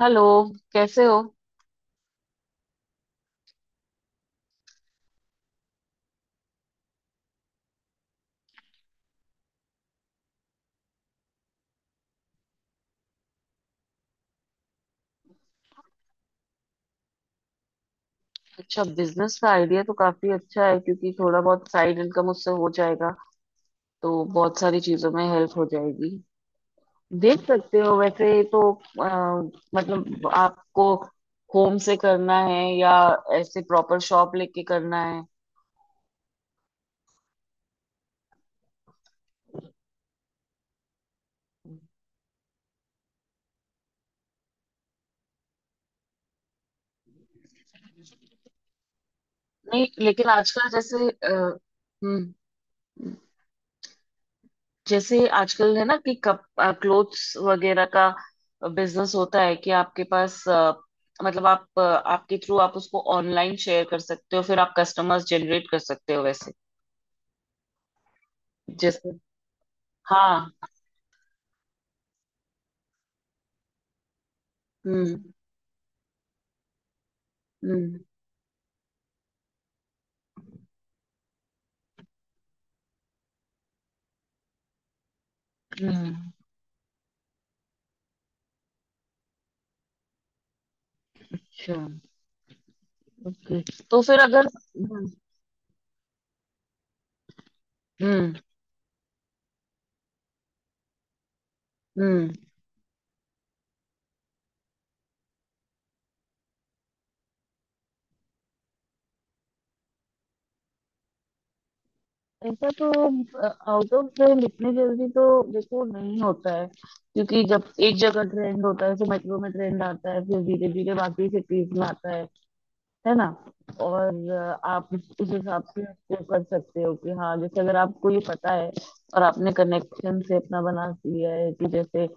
Hello. कैसे हो? अच्छा, बिजनेस का आइडिया तो काफी अच्छा है क्योंकि थोड़ा बहुत साइड इनकम उससे हो जाएगा। तो बहुत सारी चीजों में हेल्प हो जाएगी। देख सकते हो, वैसे तो मतलब आपको होम से करना है या ऐसे प्रॉपर शॉप लेके करना है। नहीं, लेकिन आजकल जैसे हम्म, जैसे आजकल है ना कि कप क्लोथ्स वगैरह का बिजनेस होता है कि आपके पास मतलब आप आपके थ्रू आप उसको ऑनलाइन शेयर कर सकते हो, फिर आप कस्टमर्स जनरेट कर सकते हो वैसे जैसे। हाँ। हम्म। हम्म। हम्म, अच्छा, ओके। तो फिर अगर हम्म हम्म। ऐसा तो आउट ऑफ ट्रेंड इतनी जल्दी तो देखो नहीं होता है, क्योंकि जब एक जगह ट्रेंड होता है तो मेट्रो में ट्रेंड आता है, फिर धीरे धीरे बाकी सिटीज में आता है ना। और आप उस हिसाब से उसको कर सकते हो कि हाँ, जैसे अगर आपको ये पता है और आपने कनेक्शन से अपना बना लिया है कि जैसे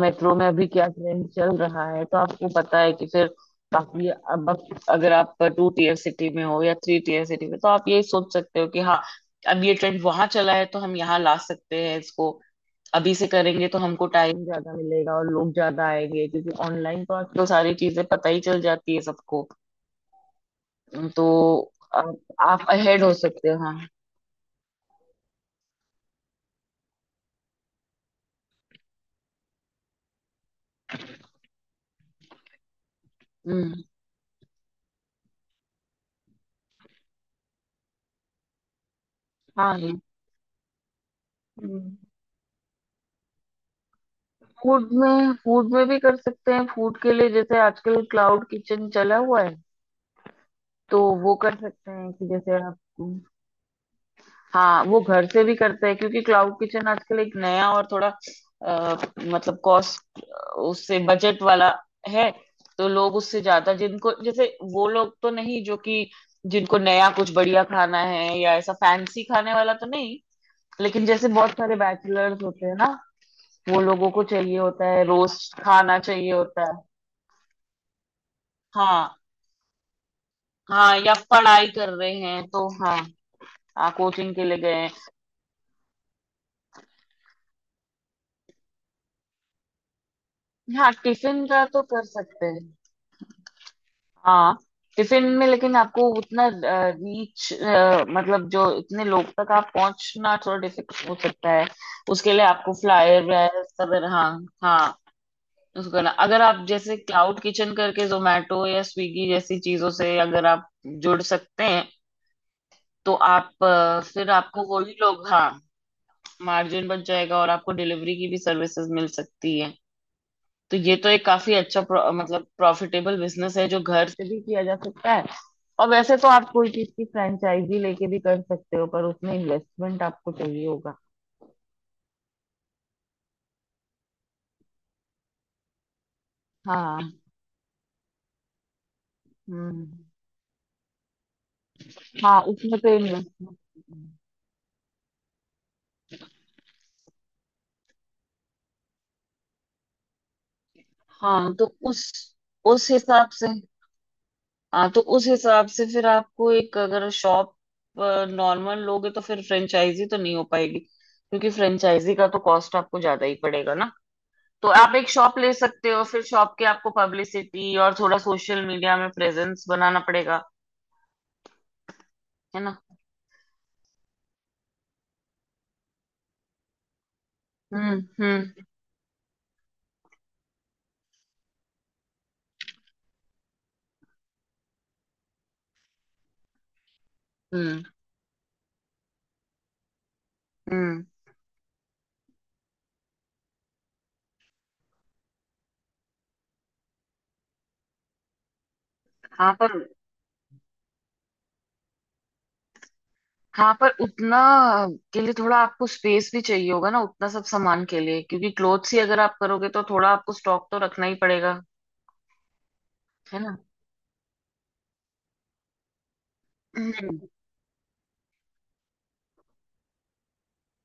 मेट्रो में अभी क्या ट्रेंड चल रहा है, तो आपको पता है कि फिर बाकी अब अगर आप टू टीयर सिटी में हो या थ्री टीयर सिटी में, तो आप ये सोच सकते हो कि हाँ, अब ये ट्रेंड वहां चला है तो हम यहाँ ला सकते हैं इसको। अभी से करेंगे तो हमको टाइम ज्यादा मिलेगा और लोग ज्यादा आएंगे, क्योंकि ऑनलाइन तो आजकल सारी चीजें पता ही चल जाती है सबको। तो आप अहेड हो सकते हो, हाँ। हम्म। हाँ, ये फूड में, फूड में भी कर सकते हैं। फूड के लिए जैसे आजकल क्लाउड किचन चला हुआ है। तो वो कर सकते हैं कि जैसे आप, हाँ वो घर से भी करते हैं क्योंकि क्लाउड किचन आजकल एक नया और थोड़ा मतलब कॉस्ट उससे बजट वाला है। तो लोग उससे ज्यादा जिनको जैसे, वो लोग तो नहीं जो कि जिनको नया कुछ बढ़िया खाना है या ऐसा फैंसी खाने वाला तो नहीं, लेकिन जैसे बहुत सारे बैचलर्स होते हैं ना, वो लोगों को चाहिए होता है, रोस्ट खाना चाहिए होता है। हाँ। हाँ, या पढ़ाई कर रहे हैं तो हाँ। हाँ, कोचिंग के लिए गए हैं। हाँ, टिफिन का तो कर सकते हैं। हाँ, टिफिन में लेकिन आपको उतना रीच, मतलब जो इतने लोग तक आप पहुंचना थोड़ा डिफिकल्ट हो सकता है। उसके लिए आपको फ्लायर व्लायर सब, हाँ। हाँ, उसको करना। अगर आप जैसे क्लाउड किचन करके जोमेटो या स्विगी जैसी चीजों से अगर आप जुड़ सकते हैं, तो आप फिर आपको वही लोग, हाँ, मार्जिन बच जाएगा और आपको डिलीवरी की भी सर्विसेज मिल सकती है। तो ये तो एक काफी अच्छा मतलब प्रॉफिटेबल बिजनेस है जो घर से भी किया जा सकता है। और वैसे तो आप कोई चीज की फ्रेंचाइजी लेके भी कर सकते हो, पर उसमें इन्वेस्टमेंट आपको चाहिए होगा। हाँ। हम्म। हाँ, उसमें तो इन्वेस्टमेंट, हाँ तो उस हिसाब से, हाँ तो उस हिसाब से फिर आपको एक अगर शॉप नॉर्मल लोगे तो फिर फ्रेंचाइजी तो नहीं हो पाएगी, क्योंकि फ्रेंचाइजी का तो कॉस्ट आपको ज्यादा ही पड़ेगा ना। तो आप एक शॉप ले सकते हो, फिर शॉप के आपको पब्लिसिटी और थोड़ा सोशल मीडिया में प्रेजेंस बनाना पड़ेगा, है ना। हम्म। हम्म। हम्म। हम्म। हाँ पर, हाँ पर उतना के लिए थोड़ा आपको स्पेस भी चाहिए होगा ना, उतना सब सामान के लिए, क्योंकि क्लोथ्स ही अगर आप करोगे तो थोड़ा आपको स्टॉक तो रखना ही पड़ेगा, है ना। हम्म।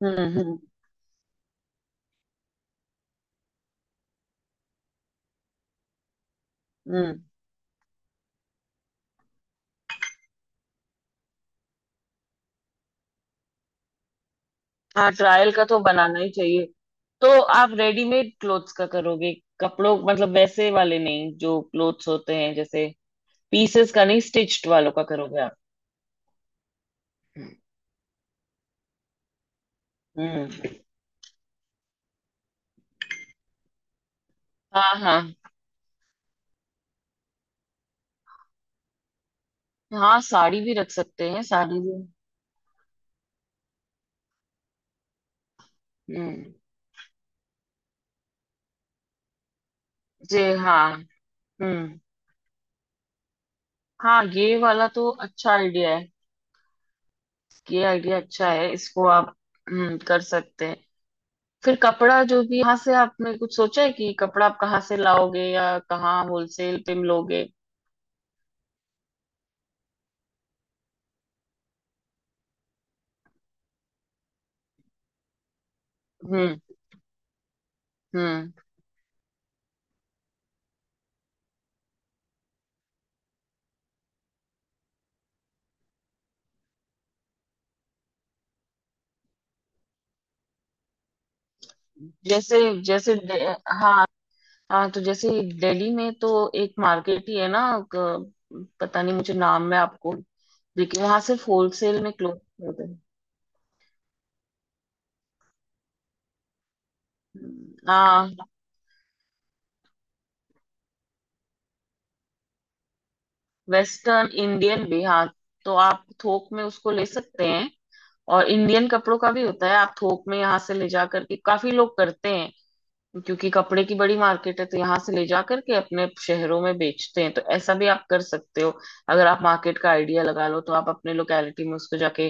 हम्म। हम्म। हम्म। हाँ, ट्रायल का तो बनाना ही चाहिए। तो आप रेडीमेड क्लोथ्स का करोगे? कपड़ों मतलब वैसे वाले नहीं जो क्लोथ्स होते हैं जैसे पीसेस का, नहीं स्टिच्ड वालों का करोगे आप? हम्म। हम्म। हाँ हाँ। हाँ, साड़ी भी रख सकते हैं, साड़ी भी। हम्म, जी हाँ। हम्म। हाँ, ये वाला तो अच्छा आइडिया है। ये आइडिया अच्छा है, इसको आप, हम्म, कर सकते हैं। फिर कपड़ा जो भी, यहाँ से आपने कुछ सोचा है कि कपड़ा आप कहाँ से लाओगे या कहाँ होलसेल पे मिलोगे? हम्म। हम्म। जैसे जैसे दे- हाँ। हाँ, तो जैसे दिल्ली में तो एक मार्केट ही है ना, क- पता नहीं, मुझे नाम है आपको, लेकिन वहां सिर्फ होलसेल में क्लोथ मिलते हैं। हाँ। वेस्टर्न इंडियन भी, हाँ। तो आप थोक में उसको ले सकते हैं। और इंडियन कपड़ों का भी होता है, आप थोक में यहाँ से ले जा करके काफी लोग करते हैं, क्योंकि कपड़े की बड़ी मार्केट है। तो यहाँ से ले जा करके अपने शहरों में बेचते हैं, तो ऐसा भी आप कर सकते हो। अगर आप मार्केट का आइडिया लगा लो तो आप अपने लोकेलिटी में उसको जाके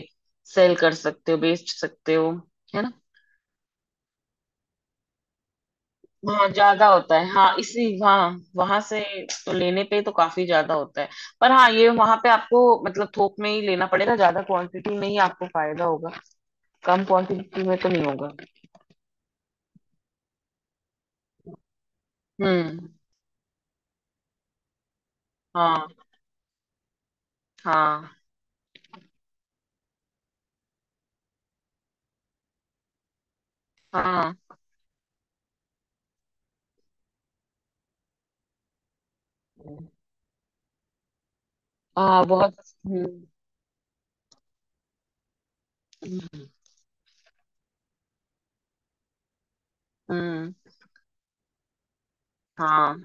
सेल कर सकते हो, बेच सकते हो, है ना। वहाँ ज्यादा होता है, हाँ, इसी, हाँ वहां से तो लेने पे तो काफी ज्यादा होता है। पर हाँ, ये वहां पे आपको मतलब थोक में ही लेना पड़ेगा, ज्यादा क्वांटिटी में ही आपको फायदा होगा, कम क्वांटिटी में तो नहीं होगा। हम्म। हाँ। हाँ। हाँ। हाँ, बहुत। हम्म। हम्म। हाँ,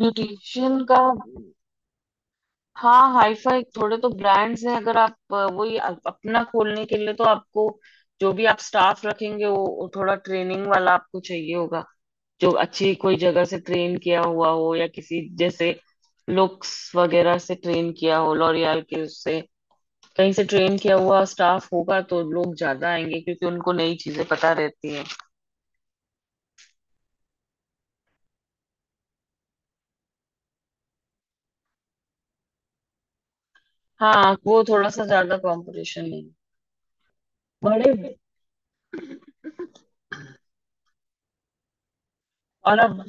ब्यूटिशियन का, हाँ, हाईफाई थोड़े तो ब्रांड्स हैं। अगर आप वही अपना खोलने के लिए, तो आपको जो भी आप स्टाफ रखेंगे वो थोड़ा ट्रेनिंग वाला आपको चाहिए होगा, जो अच्छी कोई जगह से ट्रेन किया हुआ हो या किसी जैसे लुक्स वगैरह से ट्रेन किया हो, लॉरियल के उससे कहीं से ट्रेन किया हुआ स्टाफ होगा तो लोग ज्यादा आएंगे, क्योंकि उनको नई चीजें पता रहती हैं। हाँ, वो थोड़ा सा ज्यादा कंपटीशन है। बड़े, और अब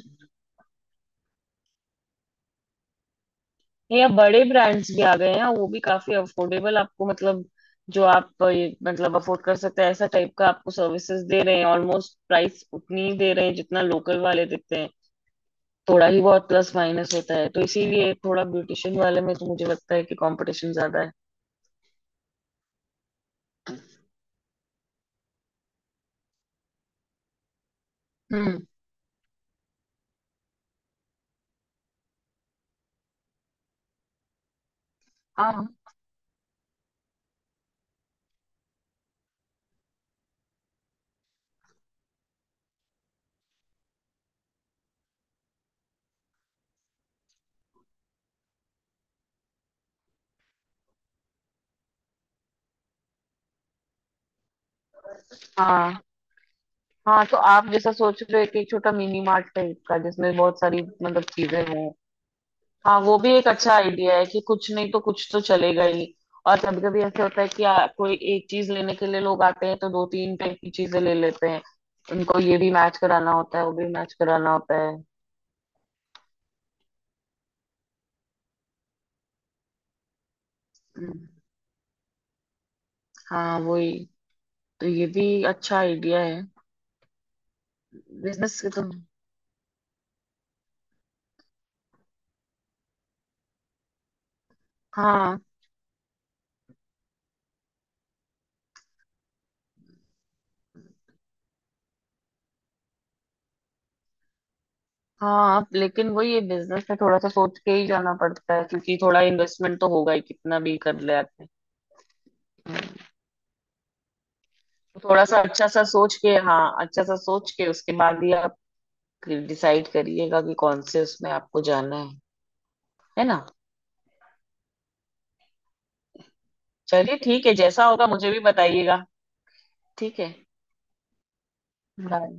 ये अब बड़े ब्रांड्स भी आ गए हैं, वो भी काफी अफोर्डेबल आपको, मतलब जो आप मतलब अफोर्ड कर सकते हैं, ऐसा टाइप का आपको सर्विसेज दे रहे हैं। ऑलमोस्ट प्राइस उतनी ही दे रहे हैं जितना लोकल वाले देते हैं, थोड़ा ही बहुत प्लस माइनस होता है। तो इसीलिए थोड़ा ब्यूटिशियन वाले में तो मुझे लगता है कि कंपटीशन ज्यादा है। हम्म। हाँ। हाँ। हाँ, तो आप जैसा सोच रहे हो कि एक छोटा मिनी मार्ट टाइप का जिसमें बहुत सारी मतलब चीजें हों, हाँ, वो भी एक अच्छा आइडिया है कि कुछ नहीं तो कुछ तो चलेगा ही। और कभी कभी ऐसे होता है कि कोई एक चीज लेने के लिए लोग आते हैं तो दो तीन टाइप की चीजें ले लेते हैं, उनको ये भी मैच कराना होता है, वो भी मैच कराना होता है। हम्म, हाँ, वही, तो ये भी अच्छा आइडिया है। बिजनेस के तो हाँ, हाँ, लेकिन वही ये बिजनेस में थोड़ा सा सोच के ही जाना पड़ता है, क्योंकि थोड़ा इन्वेस्टमेंट तो होगा ही, कितना भी कर ले आते हैं। तो थोड़ा सा अच्छा सा सोच के, हाँ, अच्छा सा सोच के उसके बाद ही डिसाइड करिएगा कि कौन से उसमें आपको जाना है ना। चलिए, ठीक है, जैसा होगा मुझे भी बताइएगा। ठीक है, बाय।